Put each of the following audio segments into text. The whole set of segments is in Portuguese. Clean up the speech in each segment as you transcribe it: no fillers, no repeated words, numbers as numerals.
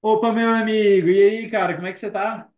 Opa, meu amigo, e aí, cara, como é que você tá?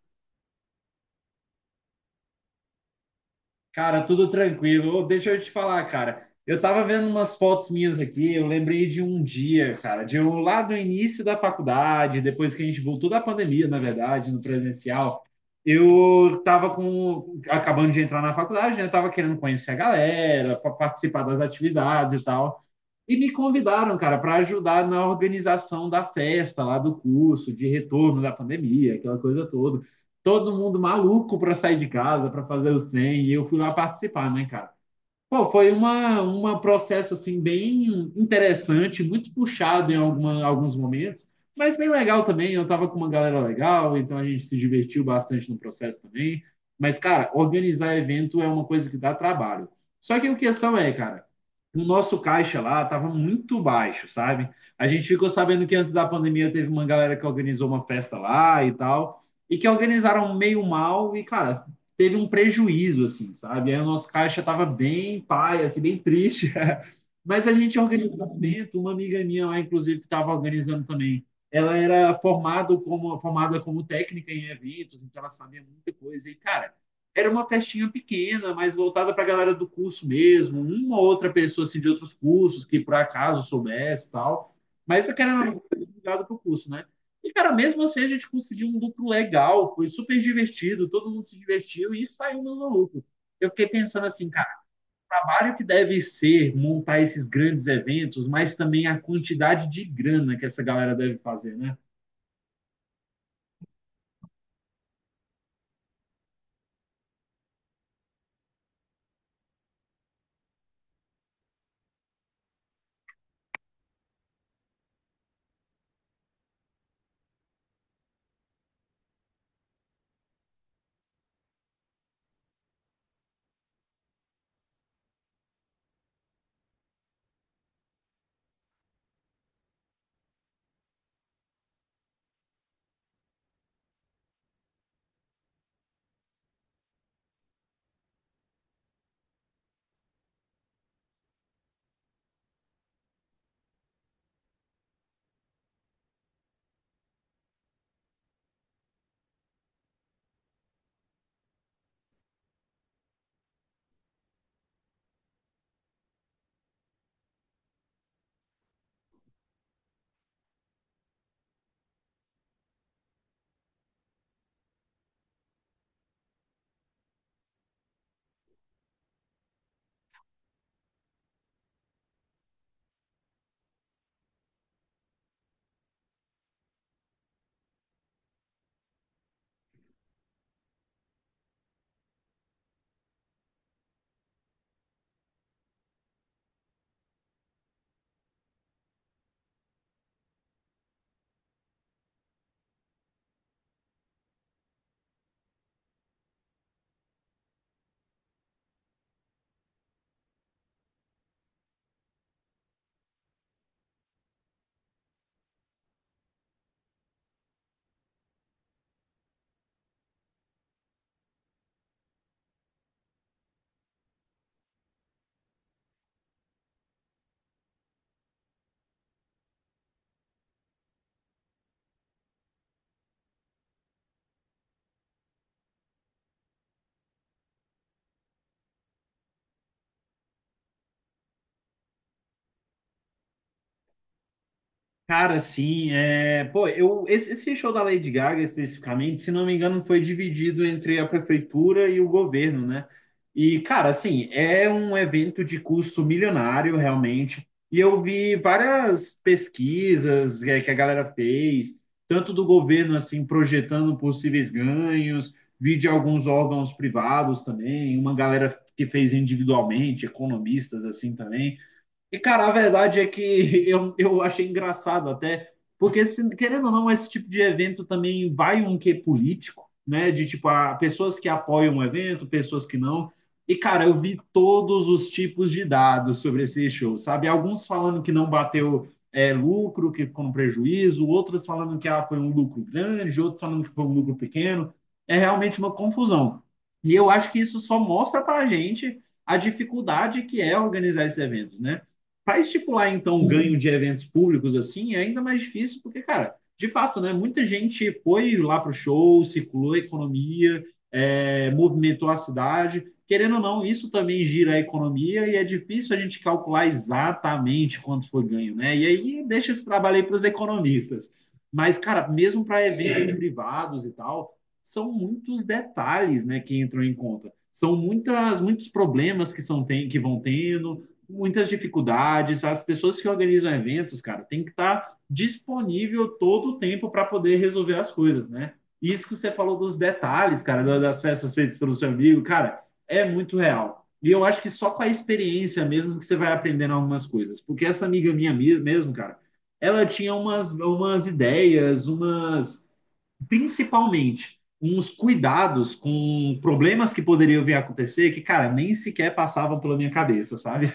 Cara, tudo tranquilo. Ô, deixa eu te falar, cara. Eu tava vendo umas fotos minhas aqui, eu lembrei de um dia, cara, de um lá do início da faculdade, depois que a gente voltou da pandemia, na verdade, no presencial. Eu tava com, acabando de entrar na faculdade, né? Tava querendo conhecer a galera, participar das atividades e tal. E me convidaram, cara, para ajudar na organização da festa lá do curso, de retorno da pandemia, aquela coisa toda. Todo mundo maluco para sair de casa, para fazer o 100, e eu fui lá participar, né, cara? Pô, foi uma processo assim bem interessante, muito puxado em alguns momentos, mas bem legal também. Eu tava com uma galera legal, então a gente se divertiu bastante no processo também. Mas, cara, organizar evento é uma coisa que dá trabalho. Só que a questão é, cara, o nosso caixa lá estava muito baixo, sabe? A gente ficou sabendo que antes da pandemia teve uma galera que organizou uma festa lá e tal, e que organizaram meio mal, e, cara, teve um prejuízo, assim, sabe? Aí o nosso caixa estava bem paia, assim, bem triste. Mas a gente organizou um evento, uma amiga minha lá, inclusive, que estava organizando também, ela era formada como técnica em eventos, então ela sabia muita coisa. E, cara, era uma festinha pequena, mas voltada para a galera do curso mesmo, uma ou outra pessoa assim, de outros cursos que por acaso soubesse e tal. Mas aquela era uma coisa ligada para o curso, né? E, cara, mesmo assim a gente conseguiu um lucro legal, foi super divertido, todo mundo se divertiu e saiu no lucro. Eu fiquei pensando assim, cara, o trabalho que deve ser montar esses grandes eventos, mas também a quantidade de grana que essa galera deve fazer, né? Cara, assim, eu... esse show da Lady Gaga especificamente, se não me engano, foi dividido entre a prefeitura e o governo, né? E, cara, assim, é um evento de custo milionário, realmente. E eu vi várias pesquisas que a galera fez, tanto do governo, assim, projetando possíveis ganhos, vi de alguns órgãos privados também, uma galera que fez individualmente, economistas, assim, também. E, cara, a verdade é que eu achei engraçado até, porque, querendo ou não, esse tipo de evento também vai um quê político, né? De tipo, a, pessoas que apoiam o evento, pessoas que não. E, cara, eu vi todos os tipos de dados sobre esse show, sabe? Alguns falando que não bateu lucro, que ficou no prejuízo, outros falando que ah, foi um lucro grande, outros falando que foi um lucro pequeno. É realmente uma confusão. E eu acho que isso só mostra pra gente a dificuldade que é organizar esses eventos, né? Para estipular, então, um ganho de eventos públicos assim é ainda mais difícil, porque, cara, de fato, né, muita gente foi lá para o show, circulou a economia, movimentou a cidade. Querendo ou não, isso também gira a economia e é difícil a gente calcular exatamente quanto foi ganho, né? E aí deixa esse trabalho aí para os economistas. Mas, cara, mesmo para eventos é. Privados e tal, são muitos detalhes né, que entram em conta. São muitos problemas que vão tendo, muitas dificuldades. As pessoas que organizam eventos, cara, tem que estar disponível todo o tempo para poder resolver as coisas, né? Isso que você falou dos detalhes, cara, das festas feitas pelo seu amigo, cara, é muito real. E eu acho que só com a experiência mesmo que você vai aprendendo algumas coisas. Porque essa amiga minha mesmo, cara, ela tinha umas ideias, umas. Principalmente, uns cuidados com problemas que poderiam vir a acontecer que, cara, nem sequer passavam pela minha cabeça, sabe?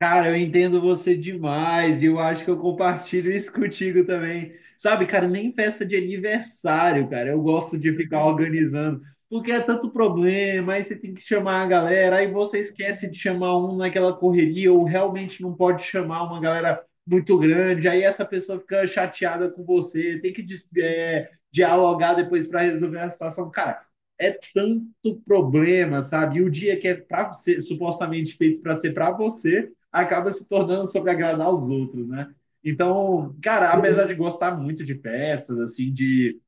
Cara, eu entendo você demais e eu acho que eu compartilho isso contigo também. Sabe, cara, nem festa de aniversário, cara, eu gosto de ficar organizando, porque é tanto problema, aí você tem que chamar a galera, aí você esquece de chamar um naquela correria ou realmente não pode chamar uma galera muito grande, aí essa pessoa fica chateada com você, tem que dialogar depois para resolver a situação. Cara, é tanto problema, sabe? E o dia que é para ser supostamente feito para ser para você acaba se tornando sobre agradar os outros, né? Então, cara, apesar de gostar muito de festas, assim, de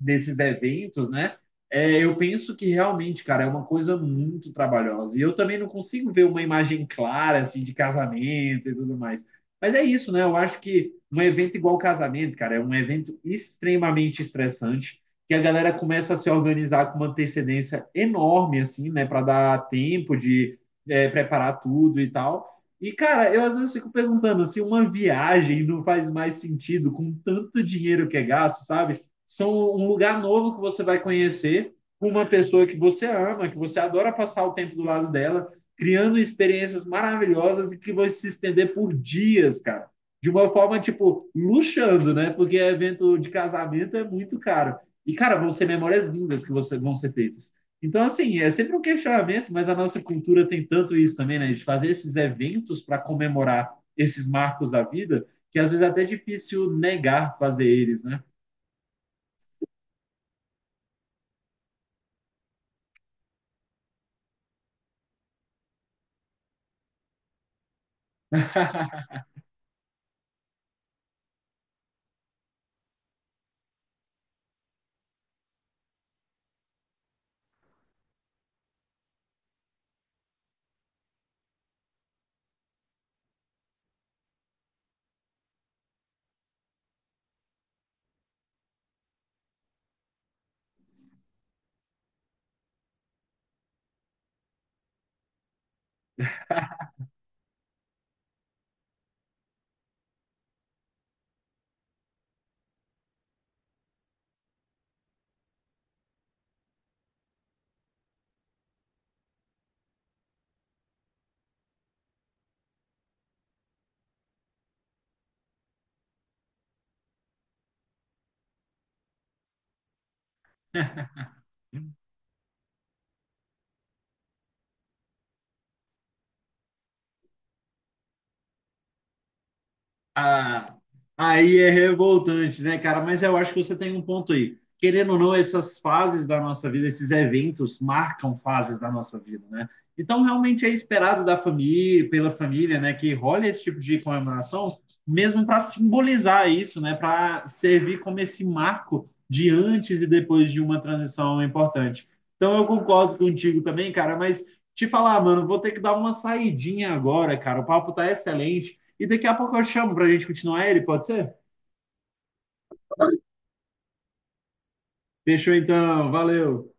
desses eventos, né? É, eu penso que realmente, cara, é uma coisa muito trabalhosa. E eu também não consigo ver uma imagem clara, assim, de casamento e tudo mais. Mas é isso, né? Eu acho que um evento igual casamento, cara, é um evento extremamente estressante, que a galera começa a se organizar com uma antecedência enorme, assim, né? Para dar tempo de preparar tudo e tal. E, cara, eu às vezes fico perguntando se uma viagem não faz mais sentido com tanto dinheiro que é gasto, sabe? São um lugar novo que você vai conhecer, com uma pessoa que você ama, que você adora passar o tempo do lado dela, criando experiências maravilhosas e que vão se estender por dias, cara. De uma forma, tipo, luxando, né? Porque evento de casamento é muito caro. E, cara, vão ser memórias lindas que você, vão ser feitas. Então, assim, é sempre um questionamento, mas a nossa cultura tem tanto isso também, né? De fazer esses eventos para comemorar esses marcos da vida, que às vezes é até difícil negar fazer eles, né? Ah, aí é revoltante, né, cara? Mas eu acho que você tem um ponto aí. Querendo ou não, essas fases da nossa vida, esses eventos marcam fases da nossa vida, né? Então, realmente é esperado da família, pela família, né, que role esse tipo de comemoração, mesmo para simbolizar isso, né, para servir como esse marco de antes e depois de uma transição importante. Então, eu concordo contigo também, cara, mas te falar, mano, vou ter que dar uma saidinha agora, cara. O papo tá excelente e daqui a pouco eu chamo pra gente continuar ele, pode ser? Fechou então, valeu.